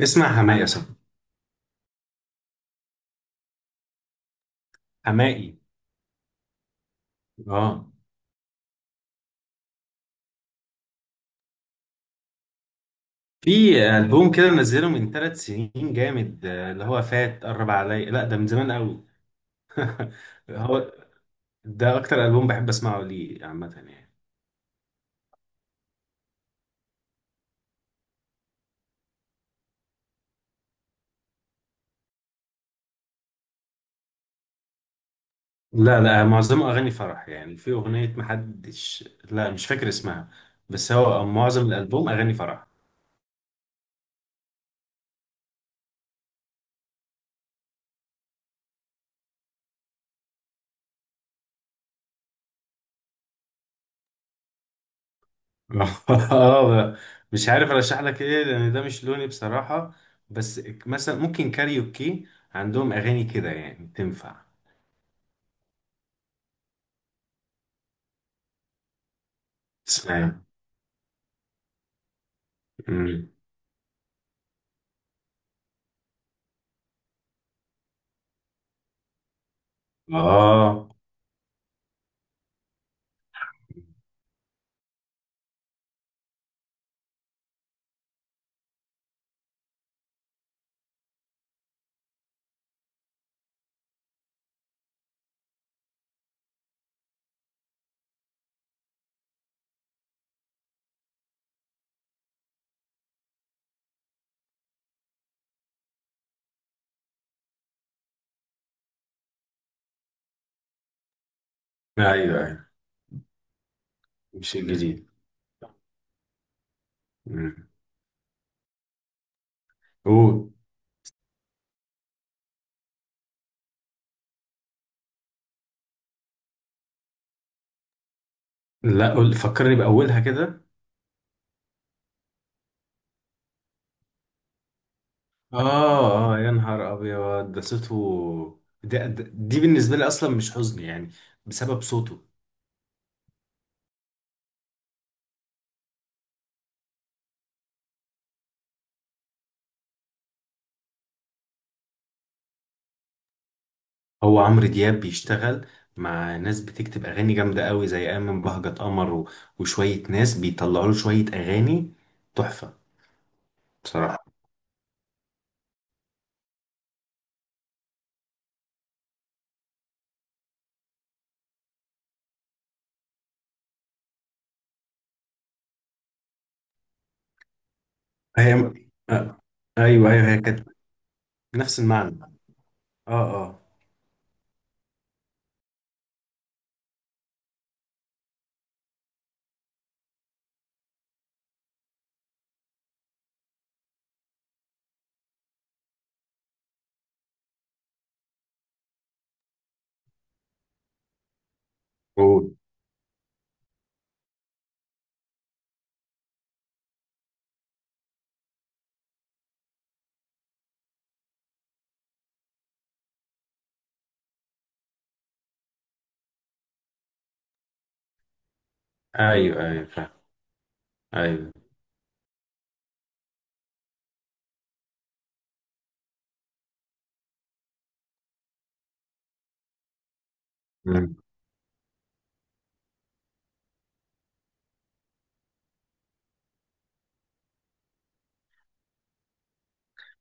اسمع حماقي صح. حماقي. اه، في ألبوم كده منزله من 3 سنين جامد اللي هو فات قرب عليا. لا، ده من زمان قوي. هو ده أكتر ألبوم بحب أسمعه ليه عامة يعني. لا لا، معظمه أغاني فرح يعني. في أغنية، محدش، لا، مش فاكر اسمها، بس هو معظم الألبوم أغاني فرح. اه، مش عارف ارشح لك ايه لان ده مش لوني بصراحة. بس مثلا ممكن كاريوكي، عندهم اغاني كده يعني تنفع تسمعها. اه، ايوه ايوه، مش الجديد. مم. قول. لا، قول فكرني بأولها كده. اه اه، يا نهار ابيض ده صوته، دي بالنسبة لي اصلا مش حزن يعني، بسبب صوته. هو عمرو دياب بيشتغل مع ناس بتكتب اغاني جامدة قوي زي ايمن بهجت قمر وشوية ناس بيطلعوا له شوية اغاني تحفة. بصراحة هي آه. ايوه ايوه، هي كانت نفس المعنى. اه اه. قول. ايوه ايوه، فاهم. ايوه.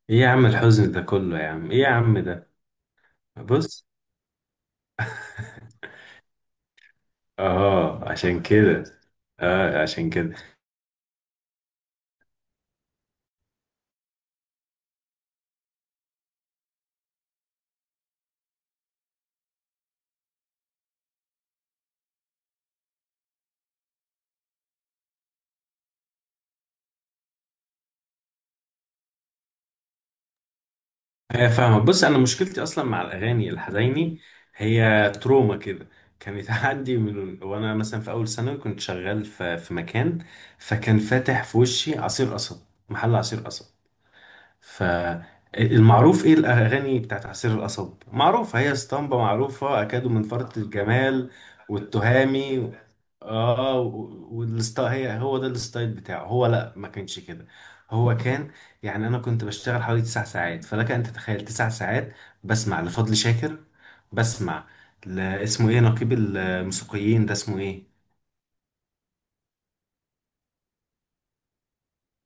ايه يا عم الحزن ده كله يا عم، ايه يا عم ده؟ بص. اه، عشان كده. اه، عشان كده. هي فاهمة. بص، انا مشكلتي اصلا مع الاغاني الحزيني، هي تروما كده كانت عندي من وانا مثلا في اول ثانوي. كنت شغال في مكان، فكان فاتح في وشي عصير قصب، محل عصير قصب. فالمعروف ايه الاغاني بتاعت عصير القصب معروفة، هي اسطمبة معروفة، اكادوا من فرط الجمال، والتهامي. اه. والستايل، هي هو ده الستايل بتاعه. هو لا، ما كانش كده. هو كان، يعني انا كنت بشتغل حوالي 9 ساعات. فلك ان تتخيل 9 ساعات بسمع لفضل شاكر. بسمع اسمه ايه، نقيب الموسيقيين ده اسمه ايه، سامي.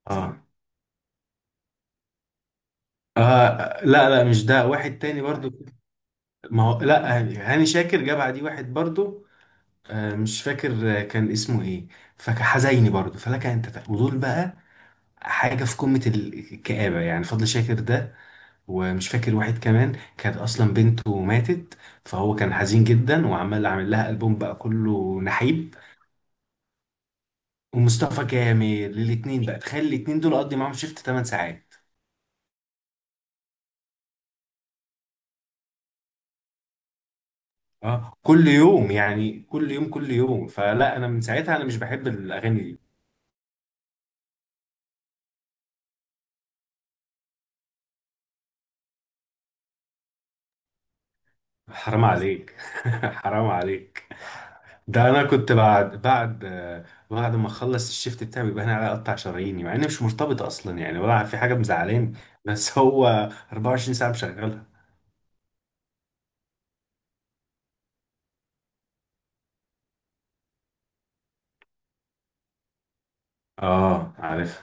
اه اه، لا لا، مش ده، واحد تاني برضو. ما هو لا، هاني شاكر جاب عدي واحد برضو. آه مش فاكر كان اسمه ايه. فحزيني برضو، فلك ان تتخيل. ودول بقى حاجة في قمة الكآبة يعني، فضل شاكر ده. ومش فاكر واحد كمان كانت اصلا بنته ماتت، فهو كان حزين جدا، وعمال عامل لها البوم بقى كله نحيب. ومصطفى كامل، الاتنين بقى. تخيل الاتنين دول اقضي معاهم شيفت 8 ساعات، اه، كل يوم يعني، كل يوم كل يوم. فلا انا من ساعتها انا مش بحب الاغاني دي. حرام عليك حرام عليك. ده انا كنت بعد ما اخلص الشيفت بتاعي بيبقى انا على اقطع شراييني، مع اني مش مرتبط اصلا يعني، ولا في حاجه مزعلاني، بس هو 24 ساعه مشغلها. اه عارف.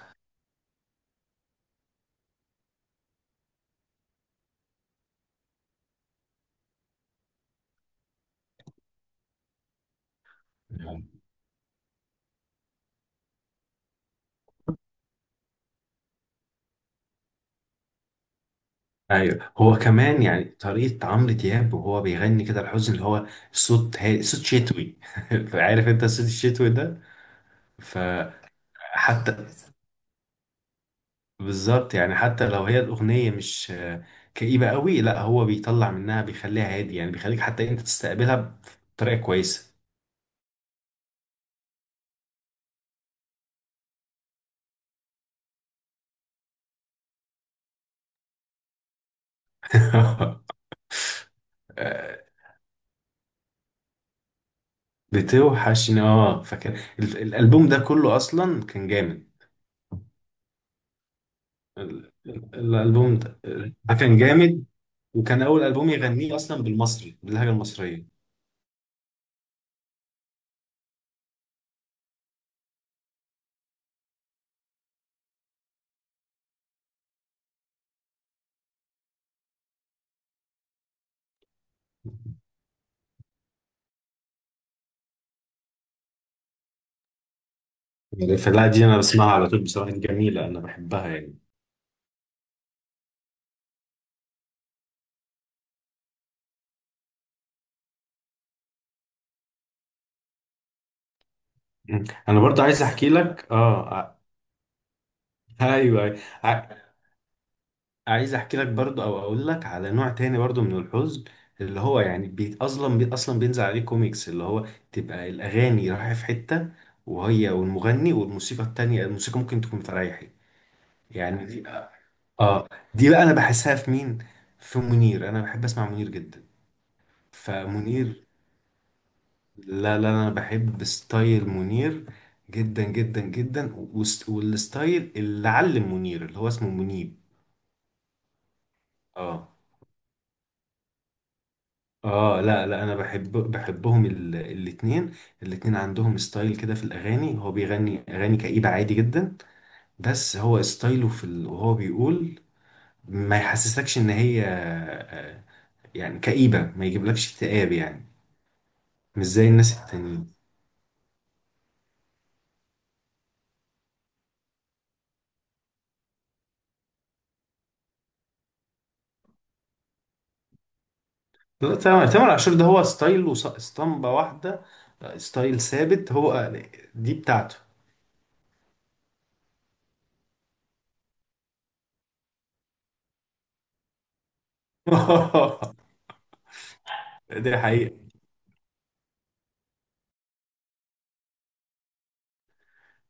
ايوه، هو كمان يعني طريقه عمرو دياب وهو بيغني كده الحزن اللي هو صوت صوت شتوي. عارف انت الصوت الشتوي ده. فحتى، بالظبط يعني، حتى لو هي الاغنيه مش كئيبه قوي، لا هو بيطلع منها بيخليها هادي يعني، بيخليك حتى انت تستقبلها بطريقه كويسه. آه، بتوحشني اه. فكان الالبوم ده كله اصلا كان جامد. الالبوم ده، ده كان جامد، وكان اول البوم يغنيه اصلا بالمصري، باللهجه المصريه. الفلاحه دي انا بسمعها على طول بصراحه، جميله انا بحبها يعني. م. انا برضو عايز احكي لك اه ايوه أيوة. ع- عايز احكي لك برضو، او اقول لك على نوع تاني برضو من الحزن، اللي هو يعني بيت اصلا بي اصلا بينزل عليه كوميكس، اللي هو تبقى الاغاني رايحه في حته، وهي والمغني، والموسيقى التانية الموسيقى ممكن تكون فريحي، يعني دي. اه، دي بقى انا بحسها في مين؟ في منير. انا بحب اسمع منير جدا. فمنير، لا لا، انا بحب ستايل منير جدا جدا جدا. والستايل اللي علم منير اللي هو اسمه منيب. اه. اه لا لا، انا بحبهم الاتنين. الاتنين عندهم ستايل كده في الاغاني. هو بيغني اغاني كئيبة عادي جدا، بس هو ستايله وهو بيقول ما يحسسكش ان هي يعني كئيبة، ما يجيبلكش اكتئاب يعني، مش زي الناس التانيين. لا، تامر عاشور ده هو ستايل واسطمبة واحدة، ستايل ثابت. هو دي بتاعته. دي حقيقة،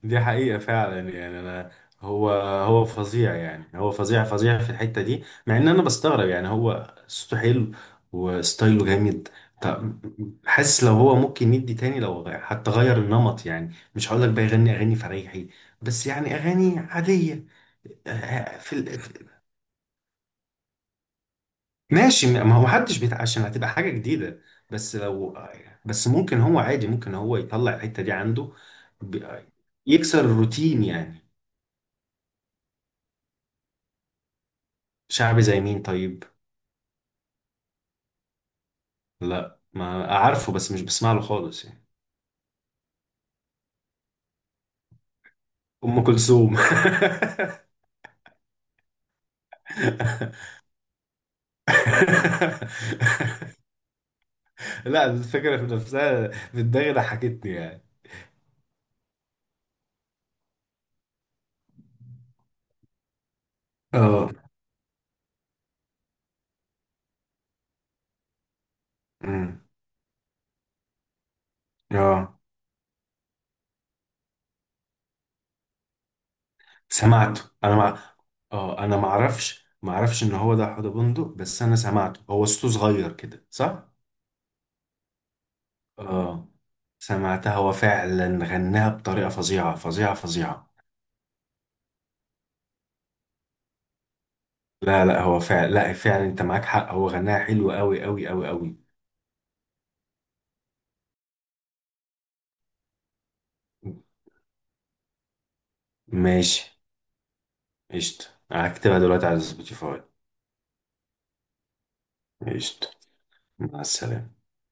دي حقيقة فعلا يعني أنا، هو هو فظيع يعني، هو فظيع فظيع في الحتة دي، مع إن أنا بستغرب يعني، هو صوته حلو وستايله جامد. طب، حاسس لو هو ممكن يدي تاني، لو حتى غير النمط يعني، مش هقول لك بقى يغني أغاني فريحي، بس يعني أغاني عادية. آه، في ال- ماشي، ما هو محدش بيت عشان هتبقى حاجة جديدة. بس لو، بس ممكن هو عادي، ممكن هو يطلع الحتة دي عنده. ب- يكسر الروتين يعني. شعبي زي مين طيب؟ لا، ما عارفه، بس مش بسمع له خالص يعني. أم كلثوم؟ لا، الفكرة في نفسها في دماغي ضحكتني يعني. اه. أمم. اه، سمعته انا. اه، انا معرفش، معرفش ان هو ده حوض بندق، بس انا سمعته، هو صوته صغير كده صح. اه، سمعتها، هو فعلا غناها بطريقه فظيعه فظيعه فظيعه. لا لا، هو فعلا، لا فعلا، انت معاك حق، هو غناها حلو قوي قوي قوي قوي. ماشي، قشطة، هكتبها دلوقتي على سبوتيفاي. قشطة، مع السلامه.